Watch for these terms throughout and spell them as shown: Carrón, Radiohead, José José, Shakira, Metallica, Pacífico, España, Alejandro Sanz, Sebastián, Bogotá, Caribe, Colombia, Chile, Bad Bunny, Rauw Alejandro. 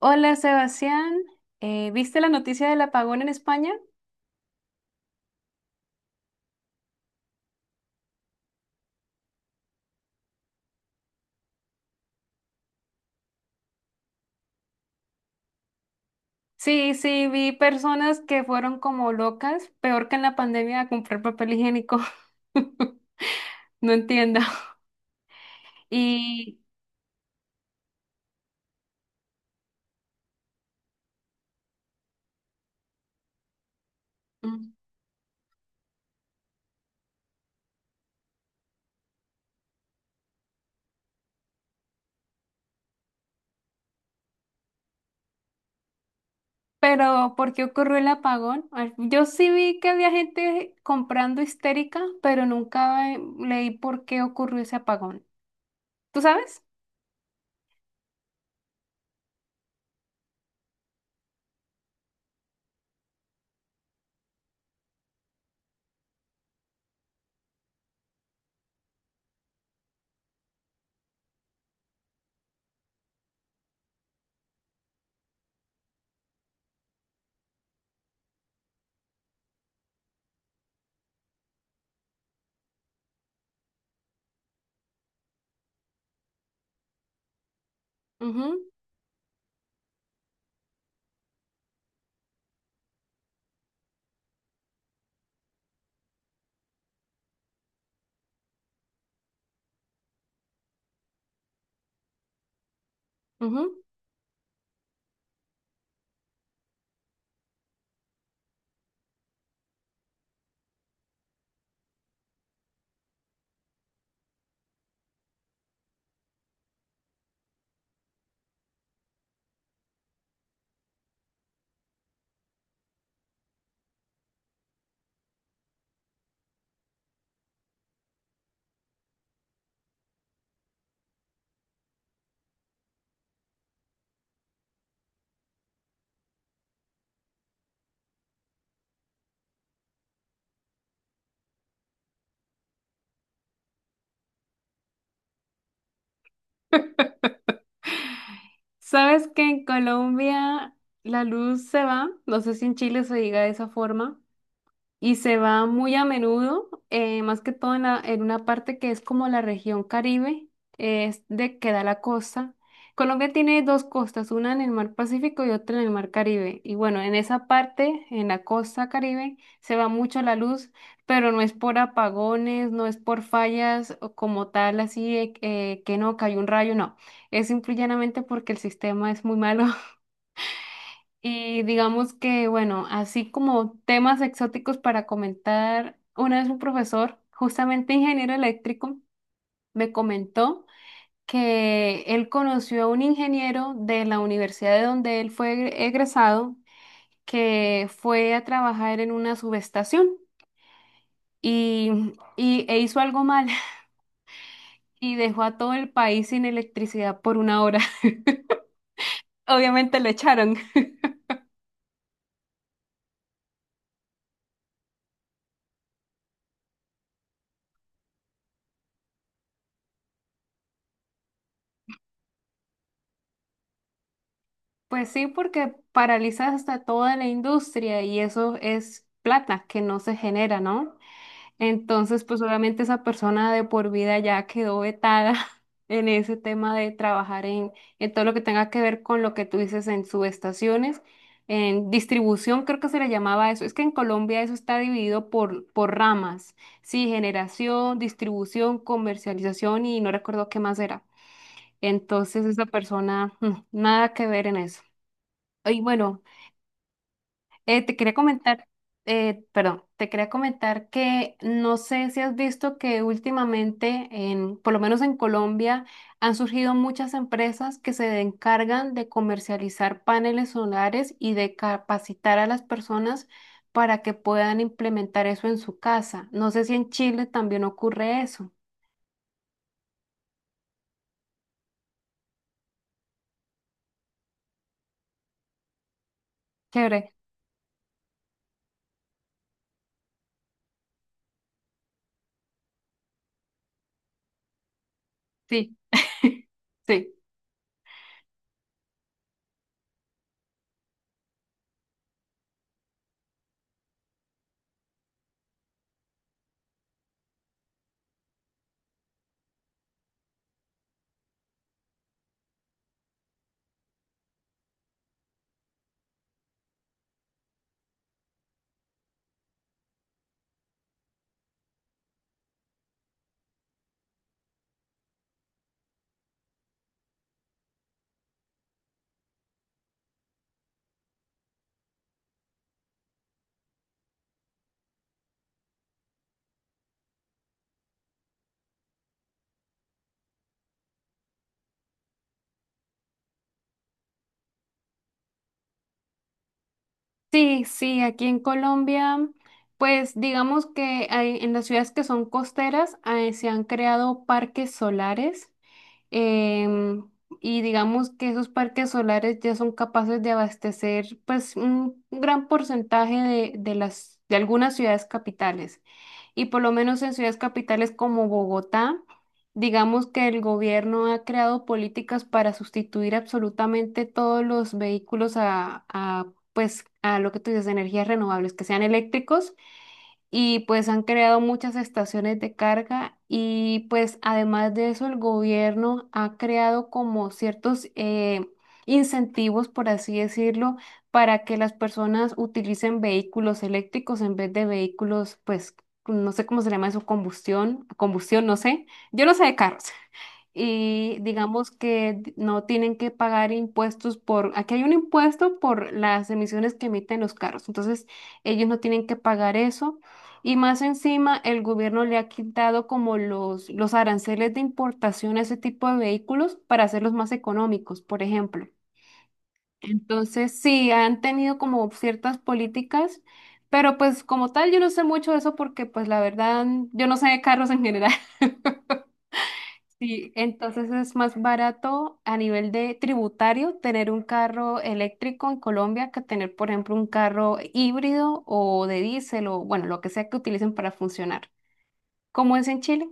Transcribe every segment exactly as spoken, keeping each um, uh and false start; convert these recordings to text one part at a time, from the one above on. Hola Sebastián, Eh, ¿viste la noticia del apagón en España? Sí, sí, vi personas que fueron como locas, peor que en la pandemia, a comprar papel higiénico. No entiendo. Y, mm, pero ¿por qué ocurrió el apagón? Ay, yo sí vi que había gente comprando histérica, pero nunca eh, leí por qué ocurrió ese apagón. ¿Tú sabes? Ujú, ujú. ¿Sabes que en Colombia la luz se va? No sé si en Chile se diga de esa forma. Y se va muy a menudo, eh, más que todo en, la- en una parte que es como la región Caribe, eh, es de que da la costa. Colombia tiene dos costas, una en el mar Pacífico y otra en el mar Caribe. Y bueno, en esa parte, en la costa Caribe, se va mucho la luz, pero no es por apagones, no es por fallas o como tal, así de que eh, que no cayó un rayo, no. Es simplemente porque el sistema es muy malo y digamos que, bueno, así como temas exóticos para comentar, una vez un profesor, justamente ingeniero eléctrico, me comentó que él conoció a un ingeniero de la universidad de donde él fue egre- egresado, que fue a trabajar en una subestación y, y e hizo algo mal y dejó a todo el país sin electricidad por una hora. Obviamente lo echaron. Pues sí, porque paralizas hasta toda la industria y eso es plata que no se genera, ¿no? Entonces, pues obviamente esa persona de por vida ya quedó vetada en ese tema de trabajar en, en todo lo que tenga que ver con lo que tú dices en subestaciones, en distribución, creo que se le llamaba eso. Es que en Colombia eso está dividido por, por ramas, sí, generación, distribución, comercialización y no recuerdo qué más era. Entonces, esa persona, mm, nada que ver en eso. Y bueno, eh, te quería comentar, eh, perdón, te quería comentar que no sé si has visto que últimamente, en, por lo menos en Colombia, han surgido muchas empresas que se encargan de comercializar paneles solares y de capacitar a las personas para que puedan implementar eso en su casa. No sé si en Chile también ocurre eso. Chévere. Sí, sí. Sí, sí, aquí en Colombia, pues digamos que hay- en las ciudades que son costeras eh, se han creado parques solares, em, y digamos que esos parques solares ya son capaces de abastecer pues un gran porcentaje de, de las, de algunas ciudades capitales y por lo menos en ciudades capitales como Bogotá, digamos que el gobierno ha creado políticas para sustituir absolutamente todos los vehículos a, a, pues, a lo que tú dices, energías renovables, que sean eléctricos y pues han creado muchas estaciones de carga y pues además de eso el gobierno ha creado como ciertos eh, incentivos, por así decirlo, para que las personas utilicen vehículos eléctricos en vez de vehículos, pues no sé cómo se llama eso, combustión, combustión, no sé, yo no sé de carros y digamos que no tienen que pagar impuestos por, aquí hay un impuesto por las emisiones que emiten los carros, entonces ellos no tienen que pagar eso. Y más encima, el gobierno le ha quitado como los, los aranceles de importación a ese tipo de vehículos para hacerlos más económicos, por ejemplo. Entonces, sí, han tenido como ciertas políticas, pero pues como tal, yo no sé mucho de eso porque pues la verdad, yo no sé de carros en general. Sí, entonces es más barato a nivel de tributario tener un carro eléctrico en Colombia que tener, por ejemplo, un carro híbrido o de diésel o, bueno, lo que sea que utilicen para funcionar. ¿Cómo es en Chile?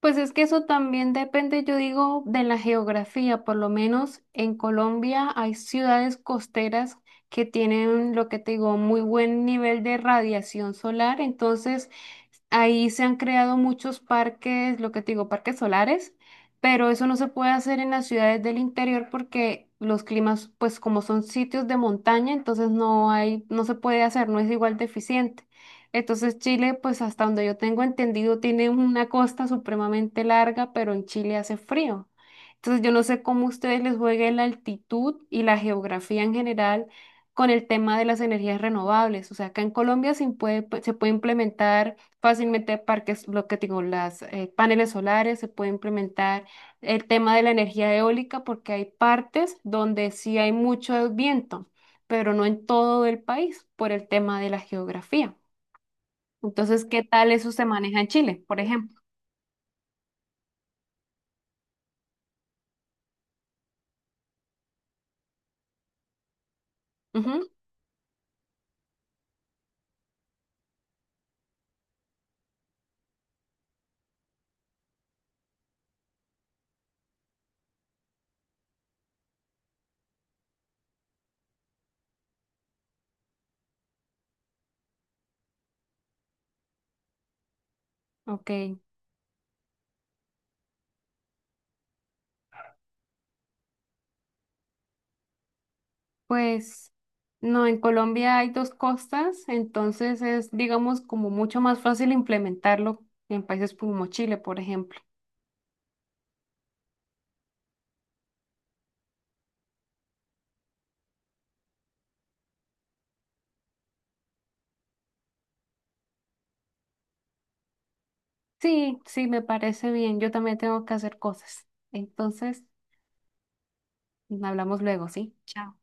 Pues es que eso también depende, yo digo, de la geografía. Por lo menos en Colombia hay ciudades costeras que tienen, lo que te digo, muy buen nivel de radiación solar. Entonces, ahí se han creado muchos parques, lo que te digo, parques solares, pero eso no se puede hacer en las ciudades del interior porque los climas, pues como son sitios de montaña, entonces no hay, no se puede hacer, no es igual de eficiente. Entonces Chile, pues hasta donde yo tengo entendido, tiene una costa supremamente larga, pero en Chile hace frío. Entonces yo no sé cómo a ustedes les juegue la altitud y la geografía en general con el tema de las energías renovables. O sea, acá en Colombia se puede, pu- se puede implementar fácilmente parques, lo que digo, las eh, paneles solares, se puede implementar el tema de la energía eólica porque hay partes donde sí hay mucho viento, pero no en todo el país por el tema de la geografía. Entonces, ¿qué tal eso se maneja en Chile, por ejemplo? Ujú, ok, pues no, en Colombia hay dos costas, entonces es, digamos, como mucho más fácil implementarlo en países como Chile, por ejemplo. Sí, sí, me parece bien, yo también tengo que hacer cosas. Entonces, hablamos luego, ¿sí? Chao.